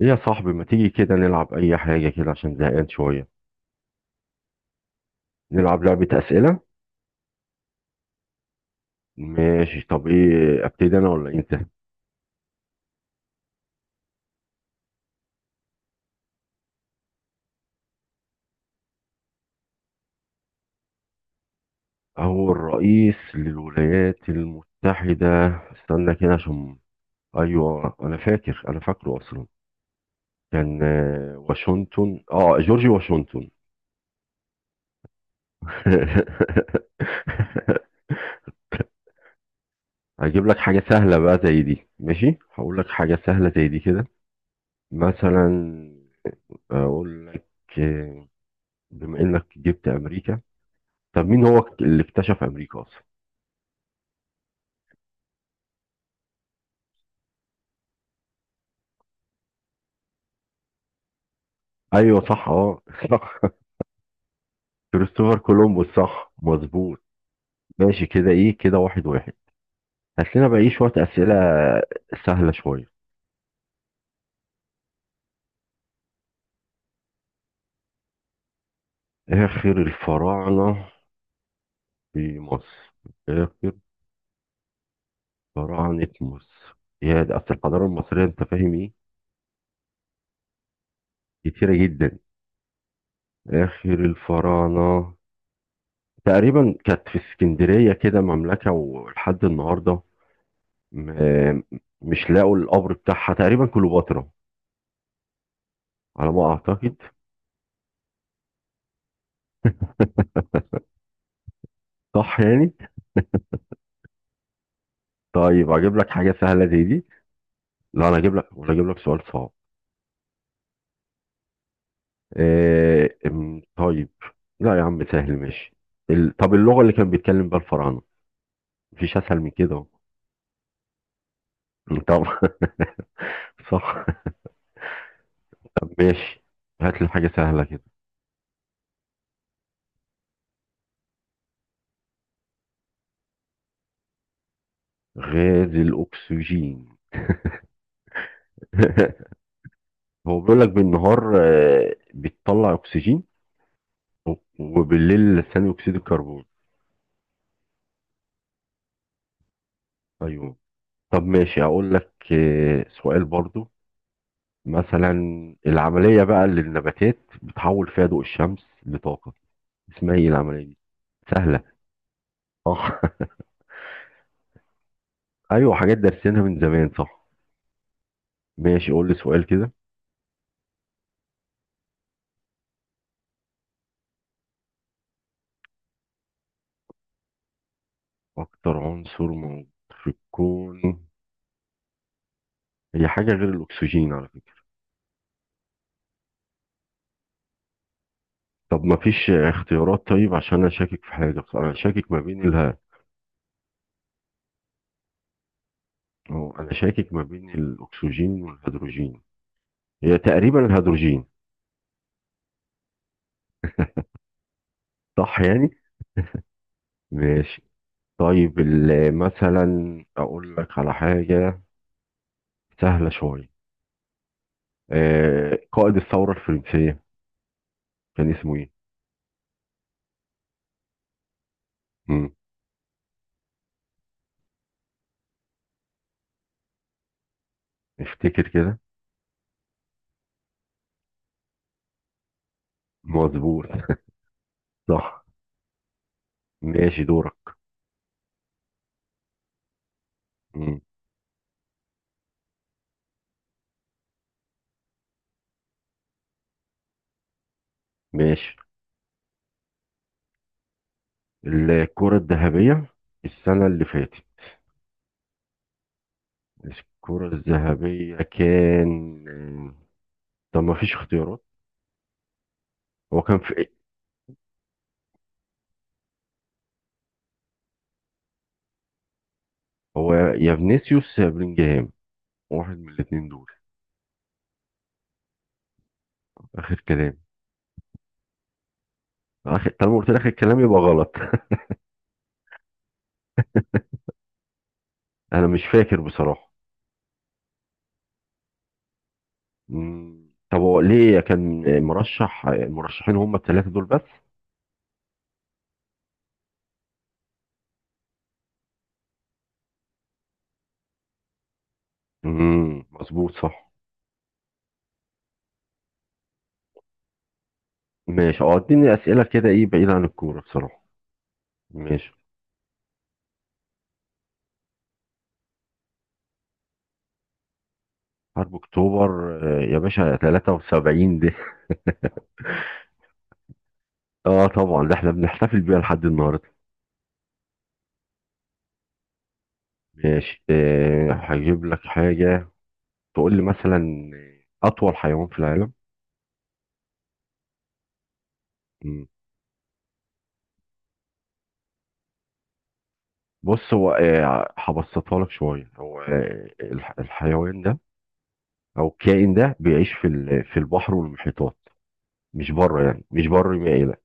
إيه يا صاحبي، ما تيجي كده نلعب اي حاجة كده عشان زهقان شوية؟ نلعب لعبة اسئلة. ماشي، طب ايه، ابتدي انا ولا انت؟ هو الرئيس للولايات المتحدة. استنى كده عشان... ايوه، انا فاكره اصلا. كان واشنطن، جورج واشنطن. هجيب لك حاجة سهلة بقى زي دي. ماشي، هقول لك حاجة سهلة زي دي كده. مثلا اقول لك، آه، بما انك جبت امريكا، طب مين هو اللي اكتشف امريكا اصلا؟ ايوه، صح، صح. كريستوفر كولومبوس، صح مظبوط. ماشي كده، ايه كده، واحد واحد. هات لنا بقى ايه شويه اسئله، سهله شويه. اخر الفراعنه في مصر، اخر فراعنه مصر، يا ده اصل الحضاره المصريه، انت فاهم ايه، كتيره جدا. اخر الفراعنه تقريبا كانت في اسكندريه كده، مملكه ولحد النهارده م- آه، مش لاقوا القبر بتاعها، تقريبا كليوباترا، على ما اعتقد. صح يعني. طيب اجيب لك حاجه سهله زي دي. لا انا اجيب لك، ولا اجيب لك سؤال صعب؟ آه أم، طيب، لا يا عم، سهل ماشي. طب اللغه اللي كان بيتكلم بيها الفراعنه، مفيش اسهل من كده اهو. طب صح. طب ماشي، هات لي حاجه سهله كده. غاز الاكسجين. هو بيقول لك بالنهار بتطلع اكسجين، و- وبالليل ثاني اكسيد الكربون. ايوه. طب ماشي، هقول لك سؤال برضو. مثلا العملية بقى اللي النباتات بتحول فيها ضوء الشمس لطاقة، اسمها ايه العملية دي؟ سهلة، صح. ايوه، حاجات دارسينها من زمان صح. ماشي قول لي سؤال كده. اكتر عنصر موجود في الكون، هي حاجة غير الاكسجين على فكرة. طب ما فيش اختيارات طيب، عشان انا شاكك في حاجة بصراحة. انا شاكك ما بين الها، أو انا شاكك ما بين الاكسجين والهيدروجين. هي تقريبا الهيدروجين، صح يعني. ماشي. طيب مثلا اقول لك على حاجة سهلة شوية، آه قائد الثورة الفرنسية كان اسمه ايه؟ مم. افتكر كده. مظبوط، صح. ماشي، دورك. مم. ماشي، الكرة الذهبية السنة اللي فاتت. الكرة الذهبية كان طب ما فيش اختيارات، هو كان في إيه؟ هو يا فينيسيوس يا بلينجهام، واحد من الاثنين دول. آخر كلام، آخر. طالما قلت لك الكلام يبقى غلط. أنا مش فاكر بصراحة. مم. طب هو ليه كان مرشح، المرشحين هم الثلاثة دول بس؟ مم. مظبوط، صح. ماشي، اديني أسئلة كده ايه، بعيد عن الكورة بصراحة. ماشي، حرب اكتوبر يا باشا، 73 دي. اه طبعا، ده احنا بنحتفل بيها لحد النهارده. ماشي، هجيب لك حاجة، تقول لي مثلا أطول حيوان في العالم. مم. بص، هو هبسطها لك شوية. هو الحيوان ده أو الكائن ده بيعيش في في البحر والمحيطات، مش بره يعني، مش بره، يبقى ايه ده؟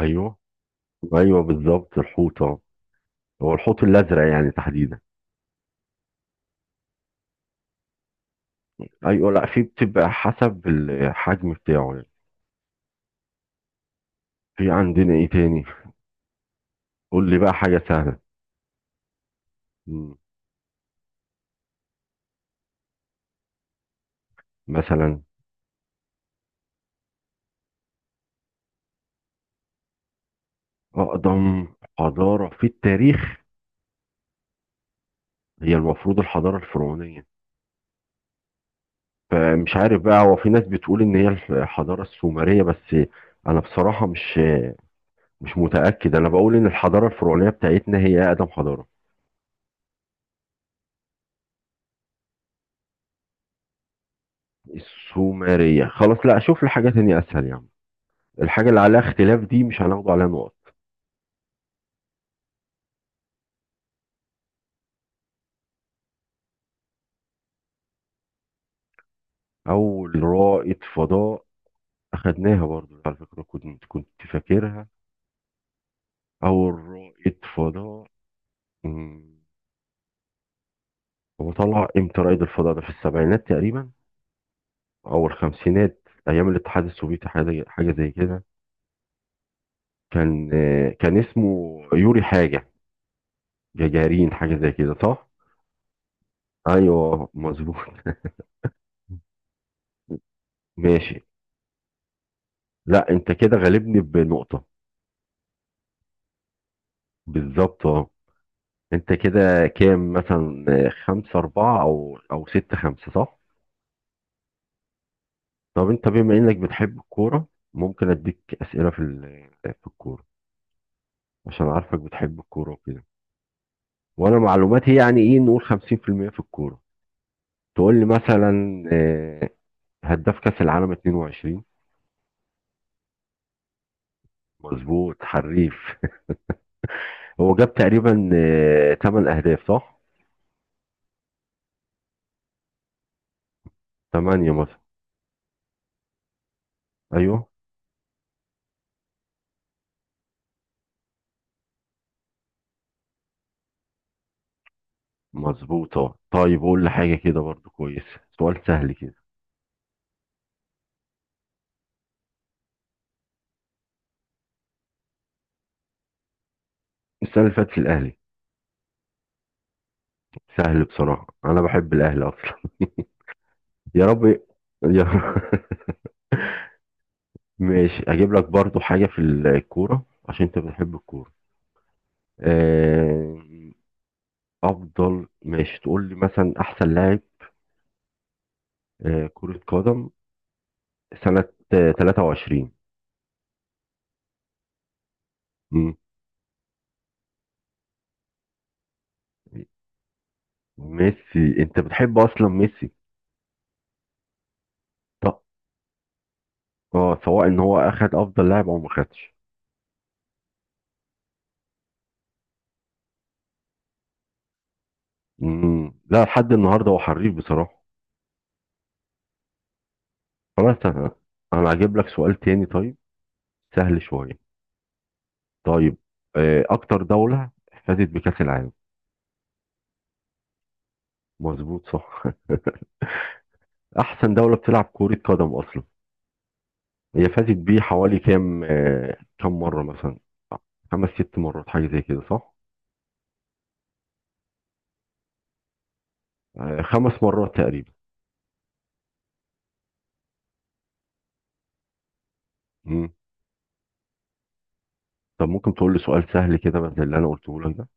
ايوه. ايوه بالظبط، الحوت اه. هو الحوت الازرق يعني تحديدا. ايوه لا، في بتبقى حسب الحجم بتاعه يعني. في عندنا ايه تاني؟ قول لي بقى حاجه سهله. مم. مثلا اقدم حضاره في التاريخ. هي المفروض الحضاره الفرعونيه، فمش عارف بقى، هو في ناس بتقول ان هي الحضاره السومريه بس. انا بصراحه مش، مش متاكد. انا بقول ان الحضاره الفرعونيه بتاعتنا هي اقدم حضاره. السومرية؟ خلاص، لا اشوف لي حاجة تانية اسهل يا عم. الحاجة اللي عليها اختلاف دي مش هناخد عليها نقط. اول رائد فضاء، اخدناها برضو على فكرة، كنت فاكرها. اول رائد فضاء، مم، هو طلع امتى رائد الفضاء ده، في السبعينات تقريبا او الخمسينات، ايام الاتحاد السوفيتي، حاجة زي كده. كان اسمه يوري حاجة، جاجارين، حاجة زي كده صح. ايوه مظبوط. ماشي. لا، انت كده غالبني بنقطة، بالظبط اه. انت كده كام مثلا، خمسة أربعة أو ستة خمسة صح؟ طب انت بما انك بتحب الكورة، ممكن اديك أسئلة في في الكورة، عشان عارفك بتحب الكورة وكده. وانا معلوماتي يعني ايه، نقول 50% في المية في الكورة. تقول لي مثلا هداف كأس العالم 22. مظبوط، حريف. هو جاب تقريبا 8 أهداف، صح؟ 8 مثلا. ايوه، مظبوط طيب. قول لي حاجة كده برضو كويس، سؤال سهل كده. السنة اللي فاتت الأهلي. سهل بصراحة، أنا بحب الأهلي أصلا. يا رب يا رب. ماشي، أجيب لك برضو حاجة في الكورة عشان أنت بتحب الكورة. آه، أفضل، ماشي، تقول لي مثلا أحسن لاعب كرة قدم سنة 23. مم. ميسي، أنت بتحب أصلا ميسي. طب سواء إن هو أخد أفضل لاعب أو ما خدش. مم. لا، لحد النهاردة هو حريف بصراحة. خلاص. أنا هجيب لك سؤال تاني طيب، سهل شوية. طيب اكتر دولة فازت بكأس العالم. مظبوط صح. احسن دولة بتلعب كرة قدم اصلا، هي فازت بيه حوالي كام، كام مرة مثلا؟ خمس ست مرات حاجة زي كده صح؟ خمس مرات تقريبا. مم. طب ممكن تقول لي سؤال سهل كده، بس زي اللي انا قلته لك ده؟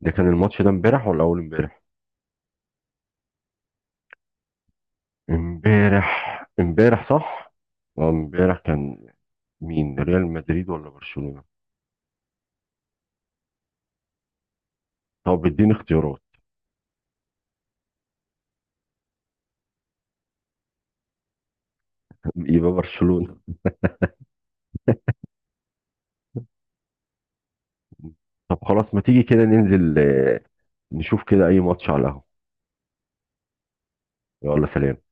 ده كان الماتش ده امبارح ولا اول امبارح؟ امبارح. امبارح صح، امبارح كان مين، ريال مدريد ولا برشلونة؟ طب اديني اختيارات. يبقى برشلونة. طب خلاص، ما تيجي كده ننزل نشوف كده اي ماتش على القهوة. يلا، سلام.